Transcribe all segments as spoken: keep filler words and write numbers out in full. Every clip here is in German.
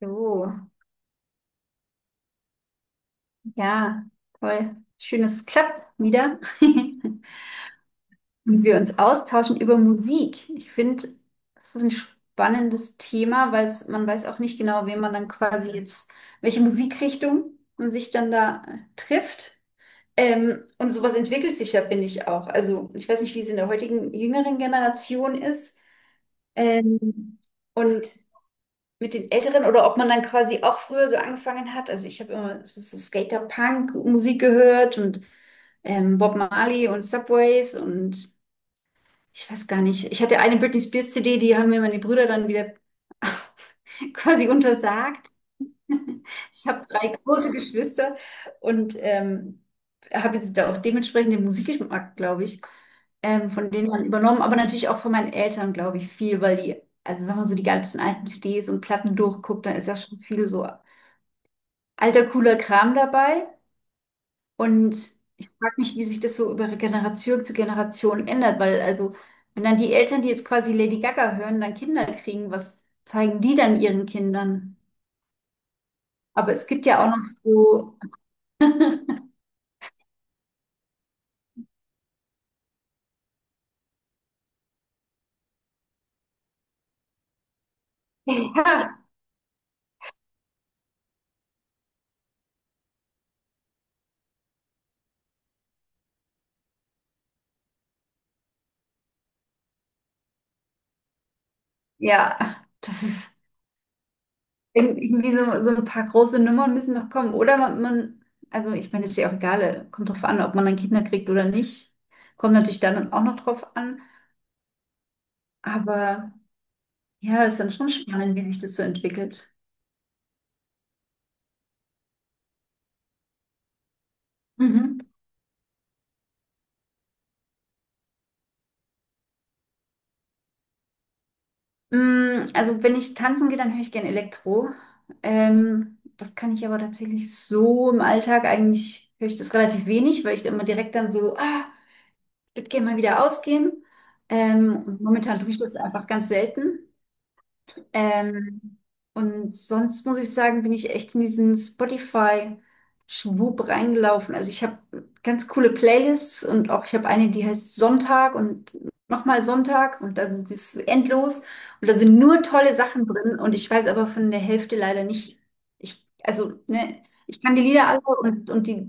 So, ja, toll. Schön, dass es klappt wieder. Und wir uns austauschen über Musik. Ich finde, das ist ein spannendes Thema, weil es, man weiß auch nicht genau, wen man dann quasi jetzt, welche Musikrichtung man sich dann da äh, trifft. Ähm, und sowas entwickelt sich ja, finde ich auch. Also, ich weiß nicht, wie es in der heutigen jüngeren Generation ist. Ähm, und mit den Älteren oder ob man dann quasi auch früher so angefangen hat. Also ich habe immer so, so Skater-Punk-Musik gehört und ähm, Bob Marley und Subways und ich weiß gar nicht. Ich hatte eine Britney Spears C D, die haben mir meine Brüder dann wieder quasi untersagt. Ich habe drei große Geschwister und ähm, habe jetzt da auch dementsprechend den Musikgeschmack, glaube ich, ähm, von denen man übernommen, aber natürlich auch von meinen Eltern, glaube ich, viel, weil die, also wenn man so die ganzen alten C Ds und Platten durchguckt, dann ist ja schon viel so alter, cooler Kram dabei. Und ich frage mich, wie sich das so über Generation zu Generation ändert, weil also, wenn dann die Eltern, die jetzt quasi Lady Gaga hören, dann Kinder kriegen, was zeigen die dann ihren Kindern? Aber es gibt ja auch noch so. Ja, das ist irg- irgendwie so, so ein paar große Nummern müssen noch kommen. Oder man, man also ich meine, ist ja auch egal, kommt drauf an, ob man dann Kinder kriegt oder nicht. Kommt natürlich dann auch noch drauf an. Aber ja, das ist dann schon spannend, wie sich das so entwickelt. Mhm. Mm, also wenn ich tanzen gehe, dann höre ich gern Elektro. Ähm, das kann ich aber tatsächlich so im Alltag eigentlich höre ich das relativ wenig, weil ich immer direkt dann so, ah, ich würde gerne mal wieder ausgehen. Ähm, und momentan tue ich das einfach ganz selten. Ähm, und sonst muss ich sagen, bin ich echt in diesen Spotify-Schwub reingelaufen. Also ich habe ganz coole Playlists und auch ich habe eine, die heißt Sonntag und nochmal Sonntag und also das ist endlos. Und da sind nur tolle Sachen drin und ich weiß aber von der Hälfte leider nicht. Ich, also, ne, ich kann die Lieder alle und, und die,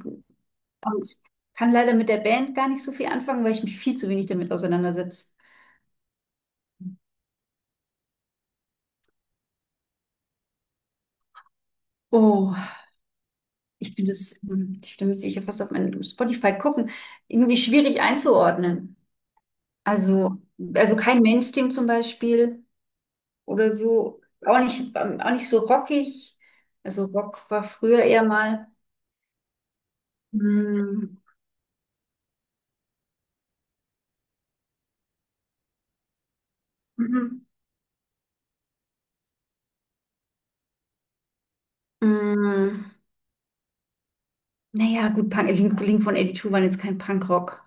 aber ich kann leider mit der Band gar nicht so viel anfangen, weil ich mich viel zu wenig damit auseinandersetze. Oh, ich finde das, hm, da müsste ich ja fast auf meinen Spotify gucken, irgendwie schwierig einzuordnen. Also, mhm, also kein Mainstream zum Beispiel oder so, auch nicht, ähm, auch nicht so rockig. Also Rock war früher eher mal. Hm, mhm. Hm, naja, gut, Punk, Link, Link von zweiundachtzig waren jetzt kein Punkrock.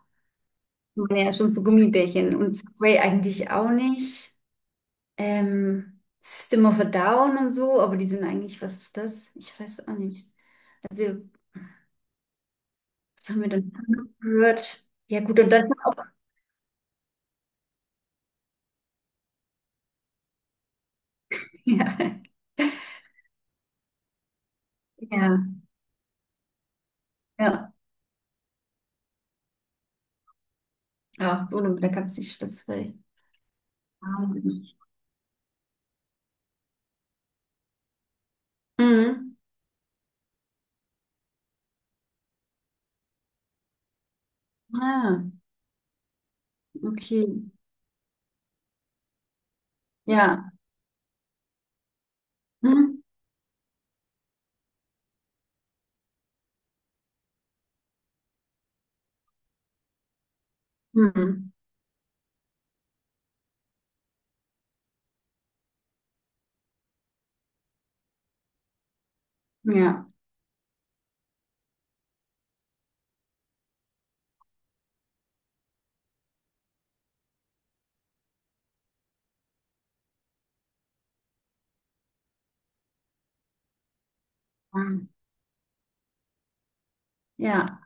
Die waren ja, schon so Gummibärchen und Subway eigentlich auch nicht. Ähm, System of a Down und so, aber die sind eigentlich, was ist das? Ich weiß auch nicht. Also, was haben wir denn gehört? Ja, gut, und dann auch. Ja, ja, ja. Ja, gut, da kannst du nicht das will. Mhm. Ah, okay. Ja. Mhm. Mhm. Ja. Mhm. Ja.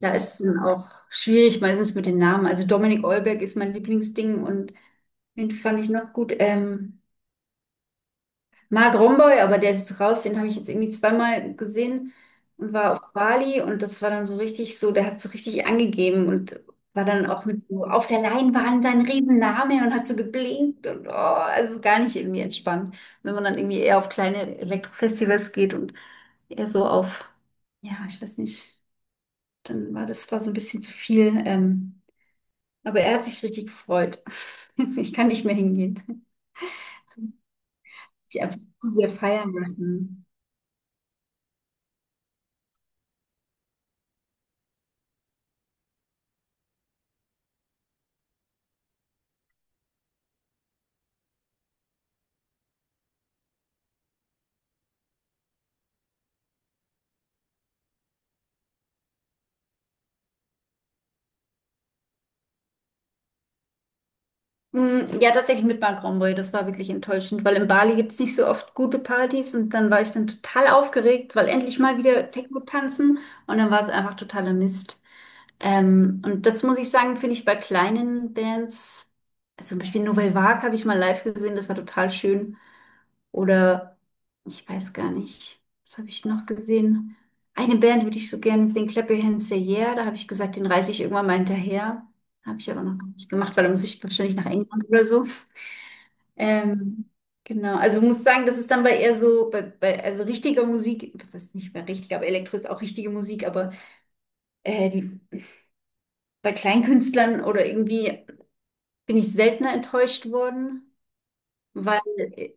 Da ist dann auch schwierig meistens mit den Namen. Also Dominik Eulberg ist mein Lieblingsding und wen fand ich noch gut? Ähm, Mark Romboy, aber der ist jetzt raus, den habe ich jetzt irgendwie zweimal gesehen und war auf Bali und das war dann so richtig so, der hat so richtig angegeben und war dann auch mit so auf der Leinwand sein Riesenname und hat so geblinkt und oh, also gar nicht irgendwie entspannt. Wenn man dann irgendwie eher auf kleine Elektrofestivals geht und eher so auf, ja, ich weiß nicht, dann war das war so ein bisschen zu viel, ähm, aber er hat sich richtig gefreut. Ich kann nicht mehr hingehen. Ich einfach zu sehr feiern lassen. Mm, ja, tatsächlich mit Mark Romboy, das war wirklich enttäuschend, weil in Bali gibt es nicht so oft gute Partys und dann war ich dann total aufgeregt, weil endlich mal wieder Techno tanzen und dann war es einfach totaler Mist. Ähm, und das muss ich sagen, finde ich bei kleinen Bands, also zum Beispiel Nouvelle Vague habe ich mal live gesehen, das war total schön. Oder ich weiß gar nicht, was habe ich noch gesehen? Eine Band würde ich so gerne sehen, Clap Your Hands Say Yeah, da habe ich gesagt, den reiße ich irgendwann mal hinterher. Habe ich aber noch nicht gemacht, weil da muss ich wahrscheinlich nach England oder so. Ähm, genau, also muss sagen, das ist dann bei eher so, bei, bei also richtiger Musik, das heißt nicht mehr richtig, aber Elektro ist auch richtige Musik, aber äh, die bei Kleinkünstlern oder irgendwie bin ich seltener enttäuscht worden, weil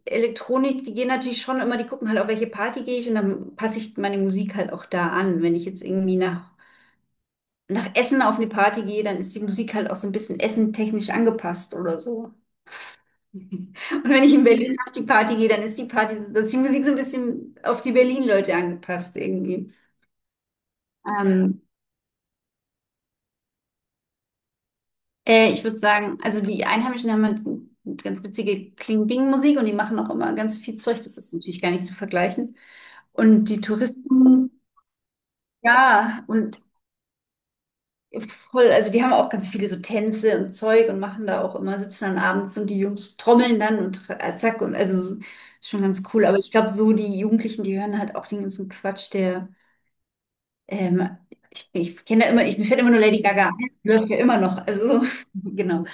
Elektronik, die gehen natürlich schon immer, die gucken halt, auf welche Party gehe ich und dann passe ich meine Musik halt auch da an. Wenn ich jetzt irgendwie nach, nach Essen auf eine Party gehe, dann ist die Musik halt auch so ein bisschen essentechnisch angepasst oder so. Und wenn ich in Berlin auf die Party gehe, dann ist die Party, dann ist die Musik so ein bisschen auf die Berlin-Leute angepasst irgendwie. Ähm, Äh, ich würde sagen, also die Einheimischen haben halt ganz witzige Kling-Bing-Musik und die machen auch immer ganz viel Zeug. Das ist natürlich gar nicht zu vergleichen. Und die Touristen, ja, und voll, also die haben auch ganz viele so Tänze und Zeug und machen da auch immer, sitzen dann abends und die Jungs trommeln dann und tra- zack und also so- schon ganz cool. Aber ich glaube, so die Jugendlichen, die hören halt auch den ganzen Quatsch, der, ähm, ich, ich kenne da immer, ich, mir fällt immer nur Lady Gaga ein, die läuft ja immer noch, also so, genau.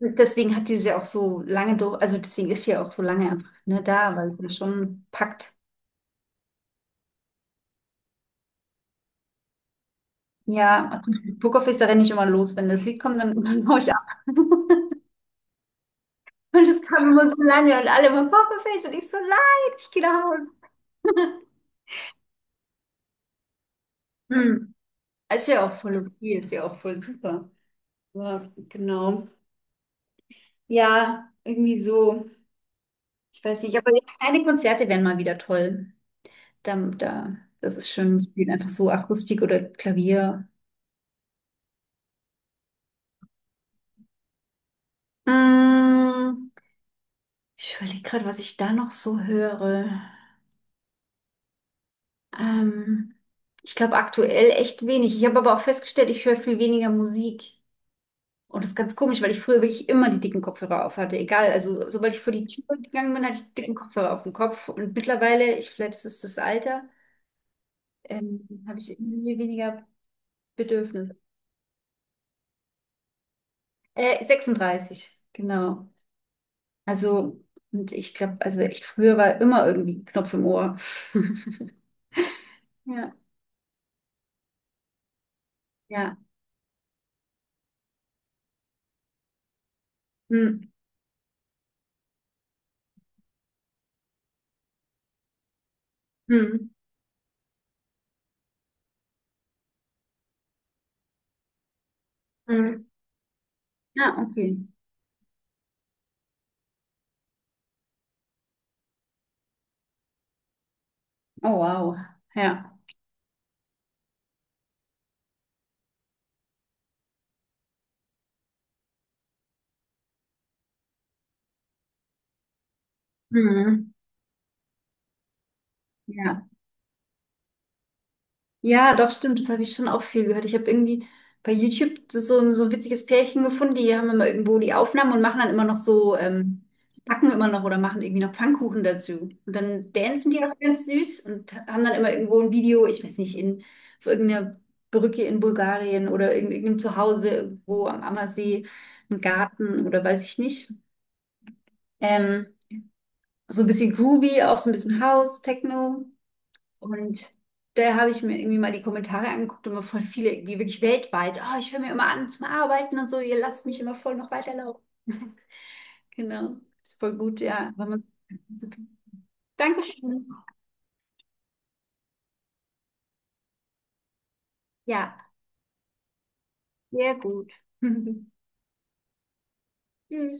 Deswegen hat die sie auch so lange durch, also deswegen ist sie ja auch so lange einfach ne, da, weil sie schon packt. Ja, also Pokerface da renne ich immer los. Wenn das Lied kommt, dann, dann hau ich ab. Und es kam immer so lange und alle immer Pokerface und ich so, nein, ich gehe nach Hause. Hm. Ist ja auch voll okay, ist ja auch voll super. Ja, genau. Ja, irgendwie so. Ich weiß nicht, aber kleine Konzerte wären mal wieder toll. Da, da, das ist schön, spielen einfach so Akustik oder Klavier. Mm. Ich überlege gerade, was ich da noch so höre. Ähm, ich glaube aktuell echt wenig. Ich habe aber auch festgestellt, ich höre viel weniger Musik. Und das ist ganz komisch, weil ich früher wirklich immer die dicken Kopfhörer auf hatte. Egal, also sobald ich vor die Tür gegangen bin, hatte ich dicken Kopfhörer auf dem Kopf. Und mittlerweile, ich, vielleicht ist es das Alter, ähm, habe ich irgendwie weniger Bedürfnis. Äh, sechsunddreißig, genau. Also, und ich glaube, also echt früher war immer irgendwie ein Knopf im Ohr. Ja, ja. Hm. Hm. Hm. Hm. Ja, okay. Oh, wow. Ja. Mhm. Ja. Ja, doch, stimmt. Das habe ich schon auch viel gehört. Ich habe irgendwie bei YouTube so so ein, so ein witziges Pärchen gefunden, die haben immer irgendwo die Aufnahmen und machen dann immer noch so, ähm, backen immer noch oder machen irgendwie noch Pfannkuchen dazu. Und dann dancen die auch ganz süß und haben dann immer irgendwo ein Video, ich weiß nicht, in, auf irgendeiner Brücke in Bulgarien oder in irgendeinem Zuhause irgendwo am Ammersee, im Garten oder weiß ich nicht. Ähm, so ein bisschen groovy, auch so ein bisschen House, Techno. Und da habe ich mir irgendwie mal die Kommentare angeguckt und mir voll viele irgendwie wirklich weltweit. Oh, ich höre mir immer an zum Arbeiten und so, ihr lasst mich immer voll noch weiterlaufen. Genau. Ist voll gut, ja. Wenn man... Dankeschön. Ja, sehr gut. Tschüss.